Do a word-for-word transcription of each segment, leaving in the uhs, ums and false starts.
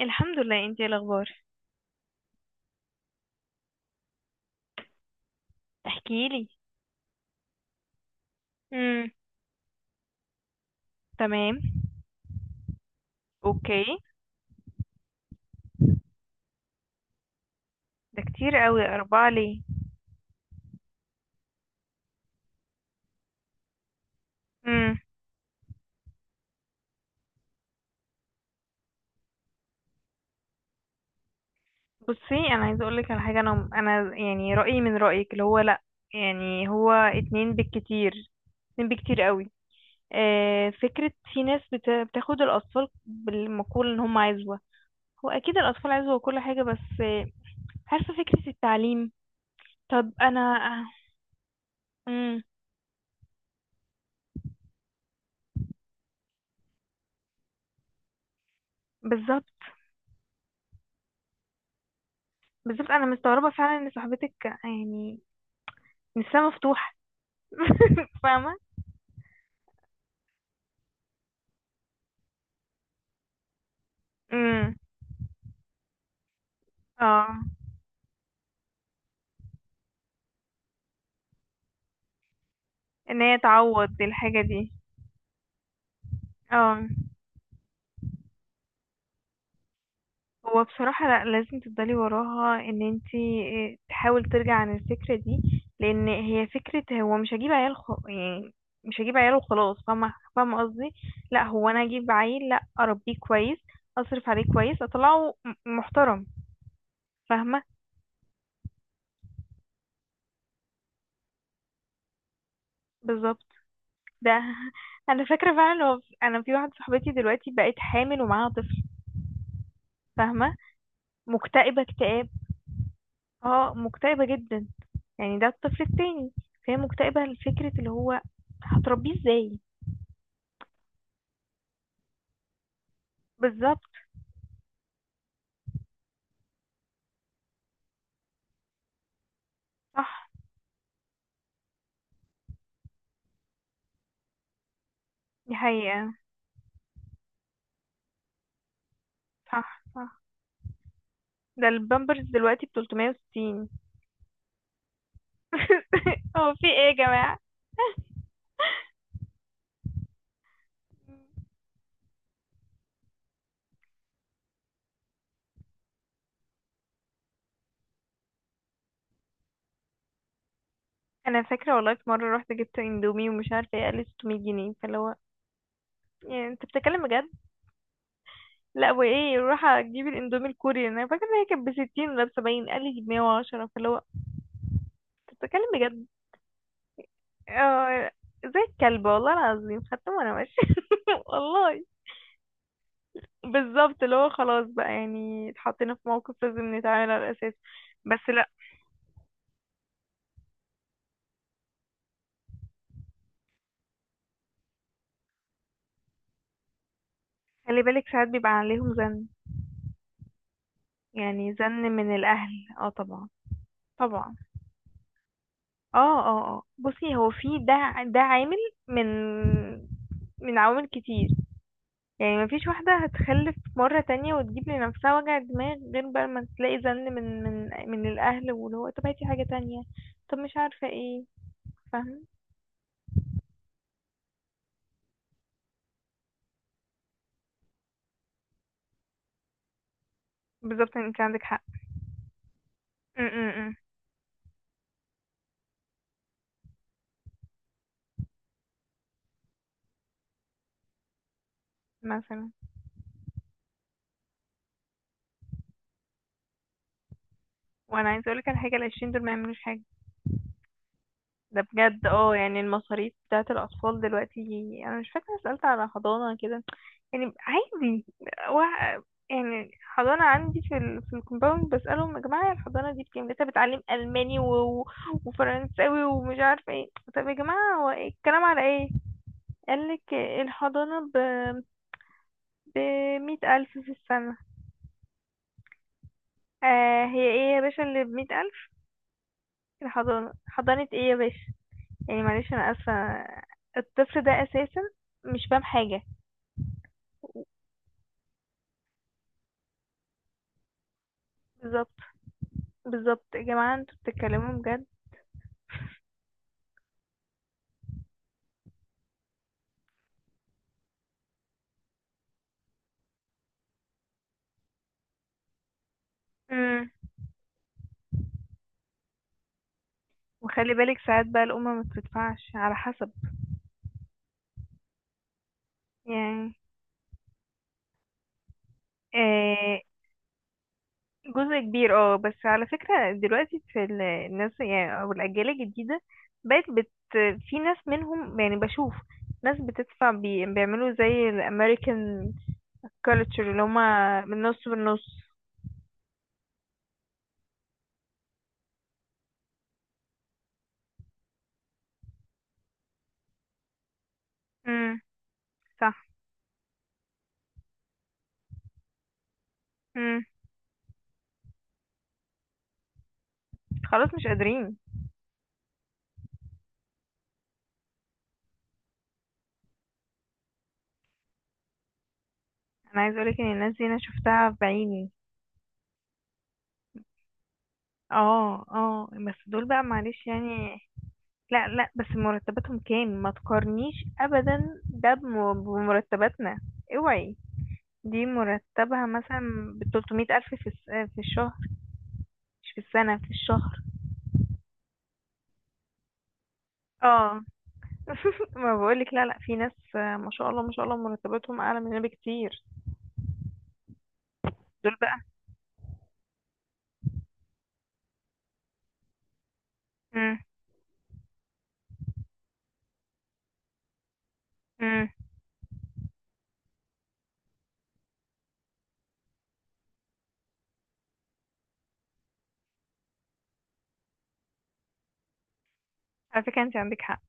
الحمد لله، انتي ايه الاخبار؟ احكيلي. امم. تمام. اوكي. ده كتير قوي، اربعة ليه؟ امم. بصي انا عايزه اقولك على حاجه، انا انا يعني رايي من رايك اللي هو لا. يعني هو اتنين بالكتير. اتنين بالكتير قوي. آه فكره، في ناس بت... بتاخد الاطفال بالمقول ان هم عزوه. هو اكيد الاطفال عزوه وكل حاجه، بس آه، عارفه فكره التعليم. طب انا. امم. بالظبط. بالظبط، انا مستغربه فعلا ان صاحبتك. يعني لسه مفتوح. فاهمة. امم. اه. ان هي تعوض الحاجة دي. اه. هو بصراحة لا، لازم تفضلي وراها ان انتي إيه، تحاول ترجع عن الفكرة دي. لان هي فكرة، هو مش هجيب عيال خ... يعني. مش هجيب عيال وخلاص، فاهمة، فاهمة قصدي. لا، هو انا هجيب عيل لا اربيه كويس. اصرف عليه كويس، اطلعه م- محترم. فاهمة. بالظبط. ده انا فاكرة فعلا، هو انا في واحدة صاحبتي دلوقتي بقت حامل ومعاها طفل. فاهمة. مكتئبة اكتئاب. اه، مكتئبة جدا. يعني ده الطفل التاني. فهي مكتئبة لفكرة اللي هو. هتربيه ازاي. بالظبط. صح. دي حقيقة. صح، صح. ده البامبرز دلوقتي بتلتمية وستين. هو في ايه يا جماعة؟ انا فاكرة والله، في مرة رحت جبت اندومي ومش عارفة ايه، قال ستمائة جنيه، فاللي هو. يعني انت بتتكلم بجد؟ لا، وايه، روح اجيب الاندومي الكوري، انا فاكرة ان هي كانت بستين ولا بسبعين، قال لي بمية وعشرة، فاللي هو. أنت بتتكلم بجد؟ اه، زي الكلب والله العظيم، خدته وانا ماشية والله. بالظبط، اللي هو خلاص بقى، يعني اتحطينا في موقف لازم نتعامل على الأساس. بس لا. خلي بالك، ساعات بيبقى عليهم زن. يعني زن من الأهل. اه، طبعا. طبعا. اه، اه، اه، بصي هو في ده ع- ده عامل. من من عوامل كتير. يعني مفيش واحدة هتخلف مرة تانية وتجيب لنفسها وجع دماغ، غير بقى ما تلاقي زن من من من الأهل واللي هو طب هاتي حاجة تانية. طب مش عارفة ايه. فاهمة. بالظبط، انت عندك حق. م -م -م. مثلا. وانا عايزه اقولك على حاجه، العشرين دول ما يعملوش حاجه. ده بجد، اه، يعني المصاريف بتاعه الاطفال دلوقتي. انا مش فاكره، سالت على حضانه كده. يعني عادي. و... يعني حضانه عندي في ال... في الكومباوند، بسالهم يا جماعه الحضانه دي بكام، لسه بتعلم الماني و... وفرنساوي ومش عارفه ايه. طب يا جماعه، هو إيه الكلام على ايه؟ قالك الحضانه ب ب 100000 ألف في السنة. آه، هي ايه يا باشا اللي بمية ألف؟ الحضانة حضانة ايه يا باشا؟ يعني معلش، انا اسفة. الطفل ده اساسا مش فاهم حاجة. بالظبط. بالظبط يا جماعة، انتوا بتتكلموا بجد؟ امم. وخلي بالك ساعات بقى، الأمة ما بتدفعش على حسب. يعني. آه. جزء كبير، اه، بس على فكرة دلوقتي في ال- الناس، يعني او الأجيال الجديدة بقت بت في ناس منهم، يعني بشوف ناس بتدفع بي... بيعملوا زي الأمريكان كالتشر، اللي هما من نص بالنص. امم. صح. مم. خلاص، مش قادرين. انا عايز اقولك ان الناس دي انا شفتها بعيني. اه، اه، بس دول بقى معلش يعني. لا، لا، بس مرتباتهم كام، ما تقارنيش ابدا ده بم- بمرتباتنا. اوعي. دي مرتبها مثلا ب، الف في الس- في الشهر، مش في السنة، في الشهر. اه ما بقولك، لا، لا، في ناس آه، ما شاء الله، ما شاء الله، مرتباتهم اعلى مننا بكتير. دول بقى. مم. مم. على فكرة انت عندك حق.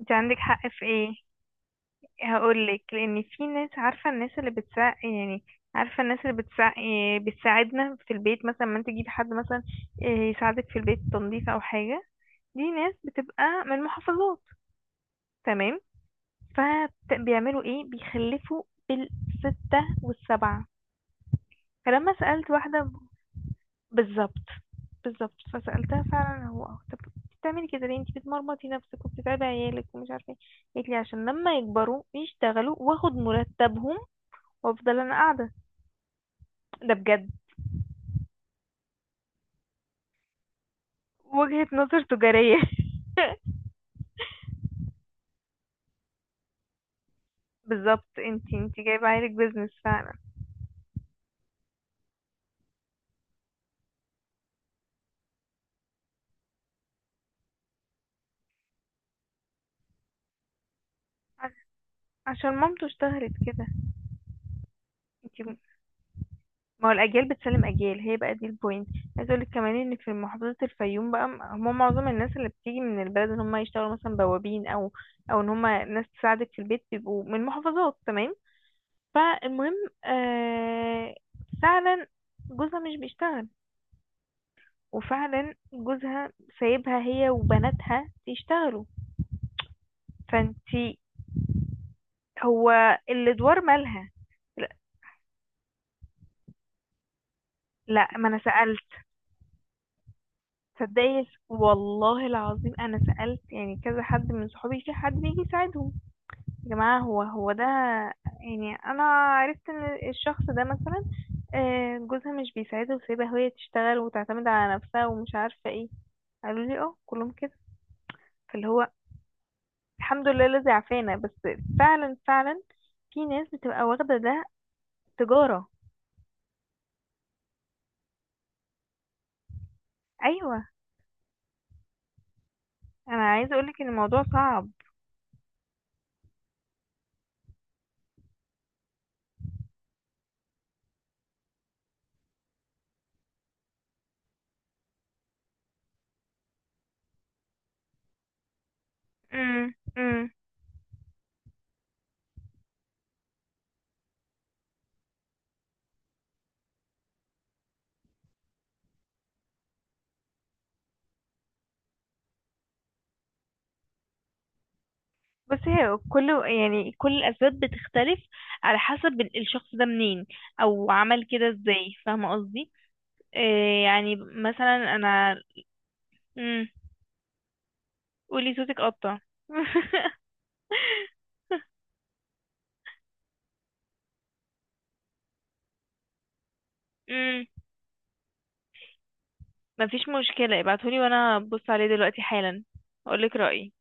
انت عندك حق في ايه؟ هقولك، لان في ناس، عارفه الناس اللي بتساعد يعني. عارفه الناس اللي بتساعد، بتساعدنا في البيت مثلا. ما انت تجيبي حد مثلا إيه، يساعدك في البيت تنظيف او حاجه. دي ناس بتبقى من محافظات. تمام. فبيعملوا ايه؟ بيخلفوا بالستة والسبعة. فلما سألت واحدة ب- بالظبط. بالظبط، فسألتها فعلا هو آه، طب بتعملي كده ليه؟ انت بتمرمطي نفسك وبتتعبي عيالك ومش عارفه ايه. قالت لي عشان لما يكبروا يشتغلوا واخد مرتبهم، وافضل انا قاعدة. ده بجد وجهة نظر تجارية بالظبط، انتي انتي جايبة عيلك بيزنس فعلا. عش- عشان مامته اشتهرت كده. انتي ما. هو الأجيال بتسلم أجيال، هي بقى دي البوينت. عايز اقولك كمان ان في محافظة الفيوم بقى، م- هم معظم الناس اللي بتيجي من البلد ان هم يشتغلوا مثلا بوابين، او او ان هم ناس تساعدك في البيت بيبقوا من محافظات. تمام. فالمهم، آه، فعلا جوزها مش بيشتغل. وفعلا جوزها سايبها هي وبناتها يشتغلوا. فانتي، هو الادوار مالها. لا، لا، ما انا سألت. تصدقي والله العظيم، انا سألت يعني كذا حد من صحابي، في حد بيجي يساعدهم؟ يا جماعة هو هو ده. يعني انا عرفت ان الشخص ده مثلا آه، جوزها مش بيساعدها، وسايبها هي تشتغل وتعتمد على نفسها ومش عارفة ايه. قالوا لي اه، كلهم كده. فاللي هو الحمد لله الذي عافانا. بس فعلا، فعلا في ناس بتبقى واخدة ده تجارة. ايوه، انا عايزة اقولك ان الموضوع صعب. امم. بس هي كل يعني كل الأسباب بتختلف على حسب ال- الشخص ده منين، أو عمل كده ازاي، فاهمة قصدي. إيه يعني مثلا أنا. مم. قولي، صوتك قطع. مم. مفيش مشكلة، ابعتهولي وأنا أبص عليه دلوقتي حالا، أقولك رأيي.